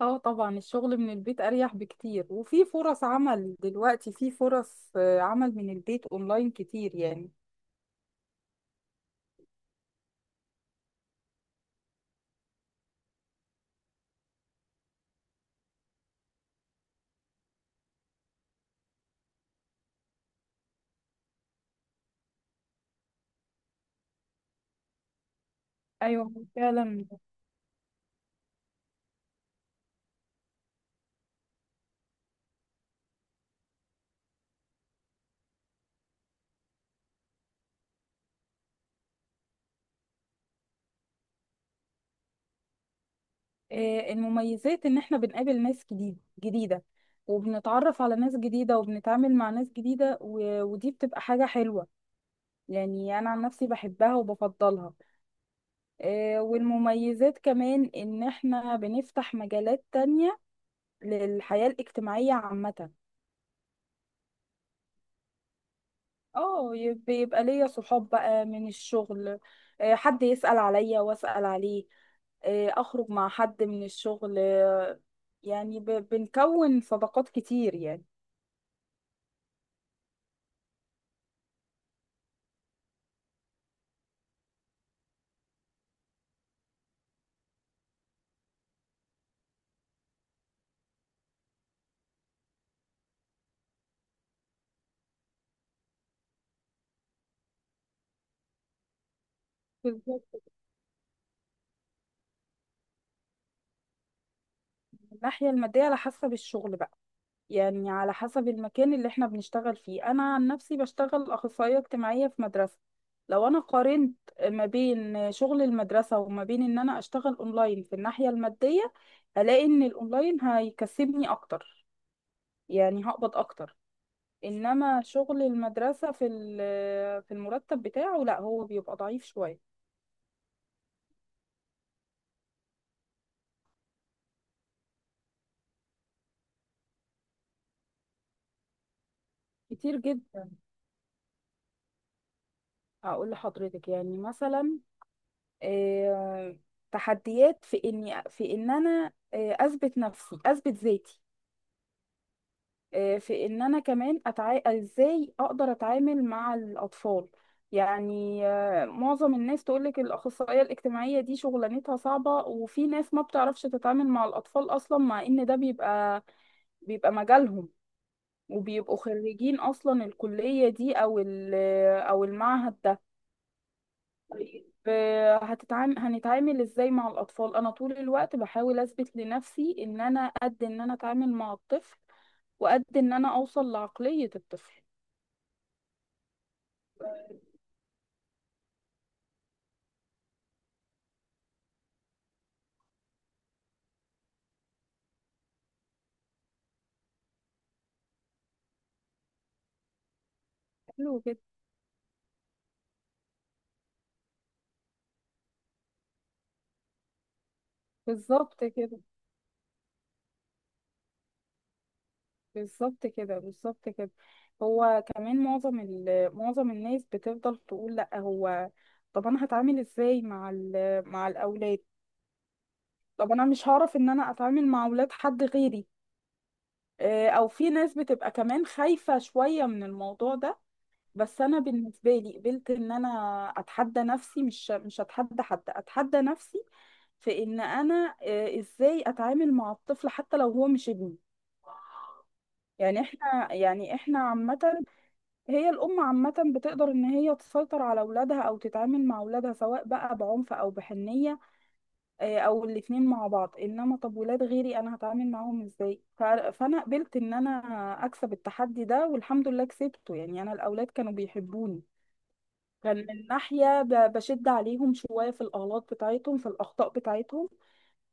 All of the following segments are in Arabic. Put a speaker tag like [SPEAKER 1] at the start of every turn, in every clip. [SPEAKER 1] اه طبعا، الشغل من البيت اريح بكتير وفي فرص عمل دلوقتي. في فرص عمل من البيت اونلاين كتير يعني. ايوه فعلا. المميزات ان احنا بنقابل ناس جديدة وبنتعرف على ناس جديدة وبنتعامل مع ناس جديدة و- ودي بتبقى حاجة حلوة. يعني انا عن نفسي بحبها وبفضلها. والمميزات كمان ان احنا بنفتح مجالات تانية للحياة الاجتماعية عامة. اه، بيبقى ليا صحاب بقى من الشغل. حد يسأل عليا واسأل عليه. اخرج مع حد من الشغل. يعني بنكون صداقات كتير يعني. بالظبط. من الناحية المادية على حسب الشغل بقى. يعني على حسب المكان اللي احنا بنشتغل فيه. انا عن نفسي بشتغل اخصائية اجتماعية في مدرسة. لو انا قارنت ما بين شغل المدرسة وما بين ان انا اشتغل اونلاين في الناحية المادية، هلاقي ان الاونلاين هيكسبني اكتر، يعني هقبض اكتر. انما شغل المدرسة في في المرتب بتاعه لا، هو بيبقى ضعيف شوية. كتير جدا. اقول لحضرتك يعني مثلا، آه، تحديات في اني في ان انا اثبت نفسي، اثبت ذاتي. في ان انا كمان ازاي اقدر اتعامل مع الاطفال. يعني معظم الناس تقولك الاخصائية الاجتماعية دي شغلانتها صعبة، وفي ناس ما بتعرفش تتعامل مع الاطفال اصلا، مع ان ده بيبقى مجالهم وبيبقوا خريجين اصلا الكلية دي او او المعهد ده. ف- هنتعامل ازاي مع الاطفال. انا طول الوقت بحاول اثبت لنفسي ان انا قد ان انا اتعامل مع الطفل وقد ان انا اوصل لعقلية الطفل. حلو كده. بالظبط كده، بالظبط كده، بالظبط كده. هو كمان معظم الناس بتفضل تقول لا، هو طب انا هتعامل ازاي مع مع الاولاد؟ طب انا مش هعرف ان انا اتعامل مع اولاد حد غيري. او في ناس بتبقى كمان خايفة شوية من الموضوع ده. بس انا بالنسبة لي قبلت ان انا اتحدى نفسي، مش اتحدى حد، اتحدى نفسي. في ان انا ازاي اتعامل مع الطفل حتى لو هو مش ابني. يعني احنا عامة، هي الأم عامة بتقدر إن هي تسيطر على أولادها أو تتعامل مع أولادها سواء بقى بعنف أو بحنية، او الاتنين مع بعض. انما طب ولاد غيري انا هتعامل معاهم ازاي؟ فانا قبلت ان انا اكسب التحدي ده، والحمد لله كسبته. يعني انا الاولاد كانوا بيحبوني. كان من ناحية بشد عليهم شوية في الأغلاط بتاعتهم، في الأخطاء بتاعتهم،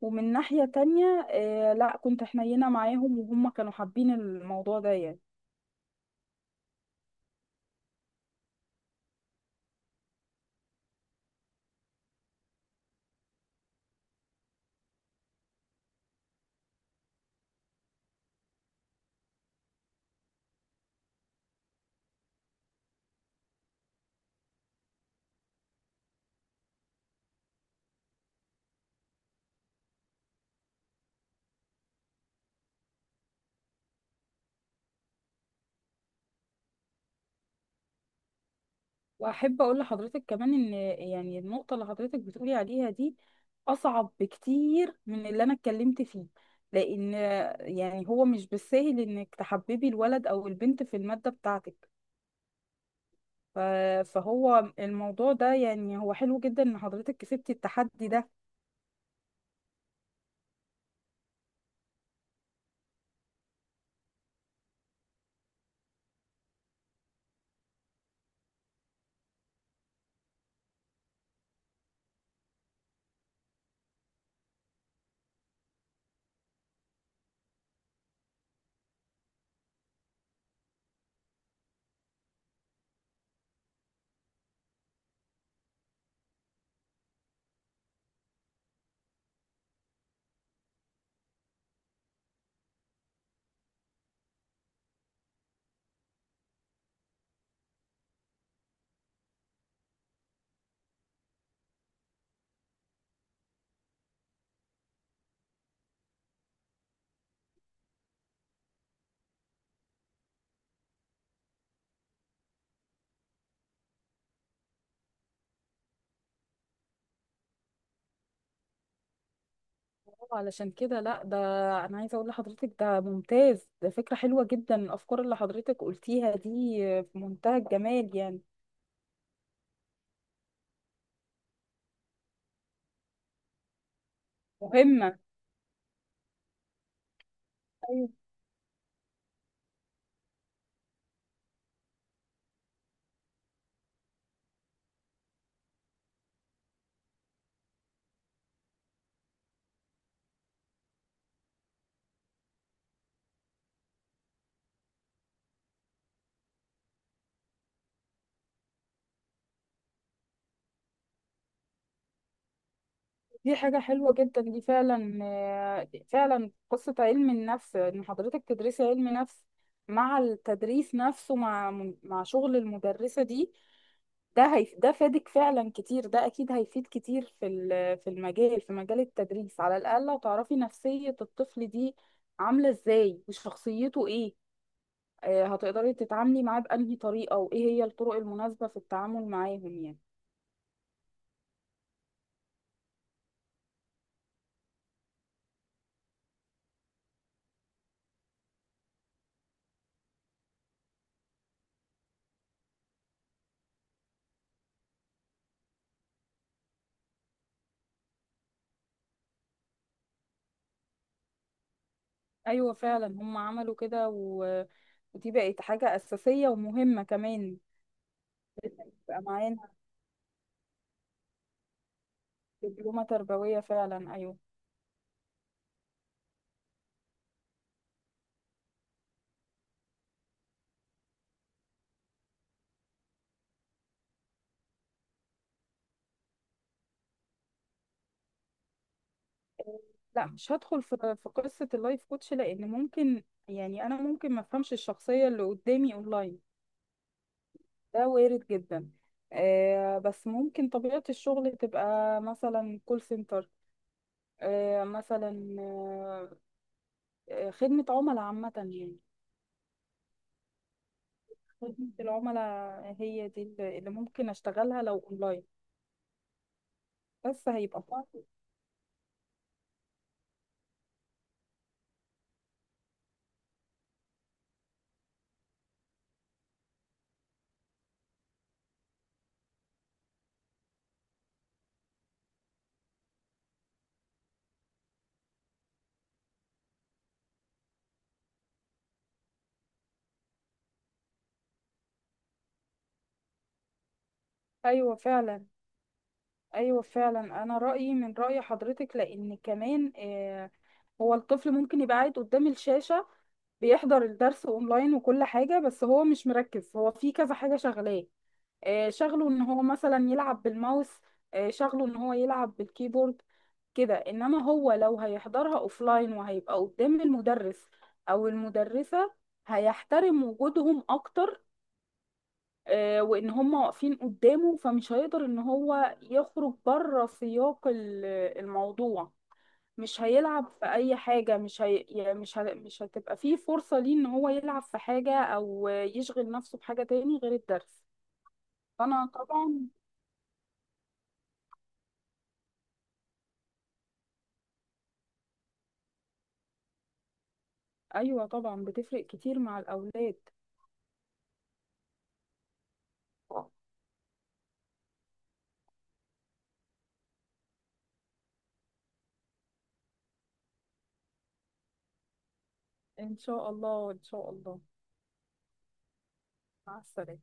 [SPEAKER 1] ومن ناحية تانية آه لا، كنت حنينة معاهم وهم كانوا حابين الموضوع ده يعني. واحب اقول لحضرتك كمان ان، يعني النقطه اللي حضرتك بتقولي عليها دي اصعب بكتير من اللي انا اتكلمت فيه، لان يعني هو مش بالسهل انك تحببي الولد او البنت في الماده بتاعتك. ف- فهو الموضوع ده يعني هو حلو جدا ان حضرتك كسبتي التحدي ده. علشان كده لا، ده انا عايزه اقول لحضرتك ده ممتاز، ده فكره حلوه جدا. الافكار اللي حضرتك قلتيها دي في منتهى الجمال يعني. مهمه. دي حاجة حلوة جدا، دي فعلا فعلا قصة علم النفس إن حضرتك تدرسي علم نفس مع التدريس نفسه، مع مع شغل المدرسة دي، ده فادك فعلا كتير. ده أكيد هيفيد كتير في في المجال، في مجال التدريس. على الأقل هتعرفي نفسية الطفل دي عاملة إزاي وشخصيته إيه. هتقدري تتعاملي معاه بأنهي طريقة وإيه هي الطرق المناسبة في التعامل معاهم يعني. ايوه فعلا، هم عملوا كده ودي بقت حاجه اساسيه ومهمه كمان. يبقى معانا دبلومه تربويه فعلا، ايوه. لا مش هدخل في في قصه اللايف كوتش، لان ممكن يعني انا ممكن ما افهمش الشخصيه اللي قدامي اونلاين. ده وارد جدا. آه، بس ممكن طبيعه الشغل تبقى مثلا كول سنتر، آه مثلا آه، خدمه عملاء عامه يعني. خدمه العملاء هي دي اللي ممكن اشتغلها لو اونلاين، بس هيبقى صعب. ايوه فعلا. ايوه فعلا انا رايي من راي حضرتك. لان كمان آه، هو الطفل ممكن يبقى قاعد قدام الشاشه بيحضر الدرس اونلاين وكل حاجه، بس هو مش مركز، هو في كذا حاجه شغلاه. آه، شغله ان هو مثلا يلعب بالماوس، آه شغله ان هو يلعب بالكيبورد كده. انما هو لو هيحضرها اوفلاين وهيبقى قدام المدرس او المدرسه هيحترم وجودهم اكتر. وان هم واقفين قدامه، فمش هيقدر ان هو يخرج بره سياق الموضوع. مش هيلعب في اي حاجة، مش هي... يعني مش ه... مش هتبقى فيه فرصة ليه ان هو يلعب في حاجة او يشغل نفسه بحاجة تاني غير الدرس. فانا طبعا، ايوه طبعا بتفرق كتير مع الاولاد. ان شاء الله، ان شاء الله. مع السلامة.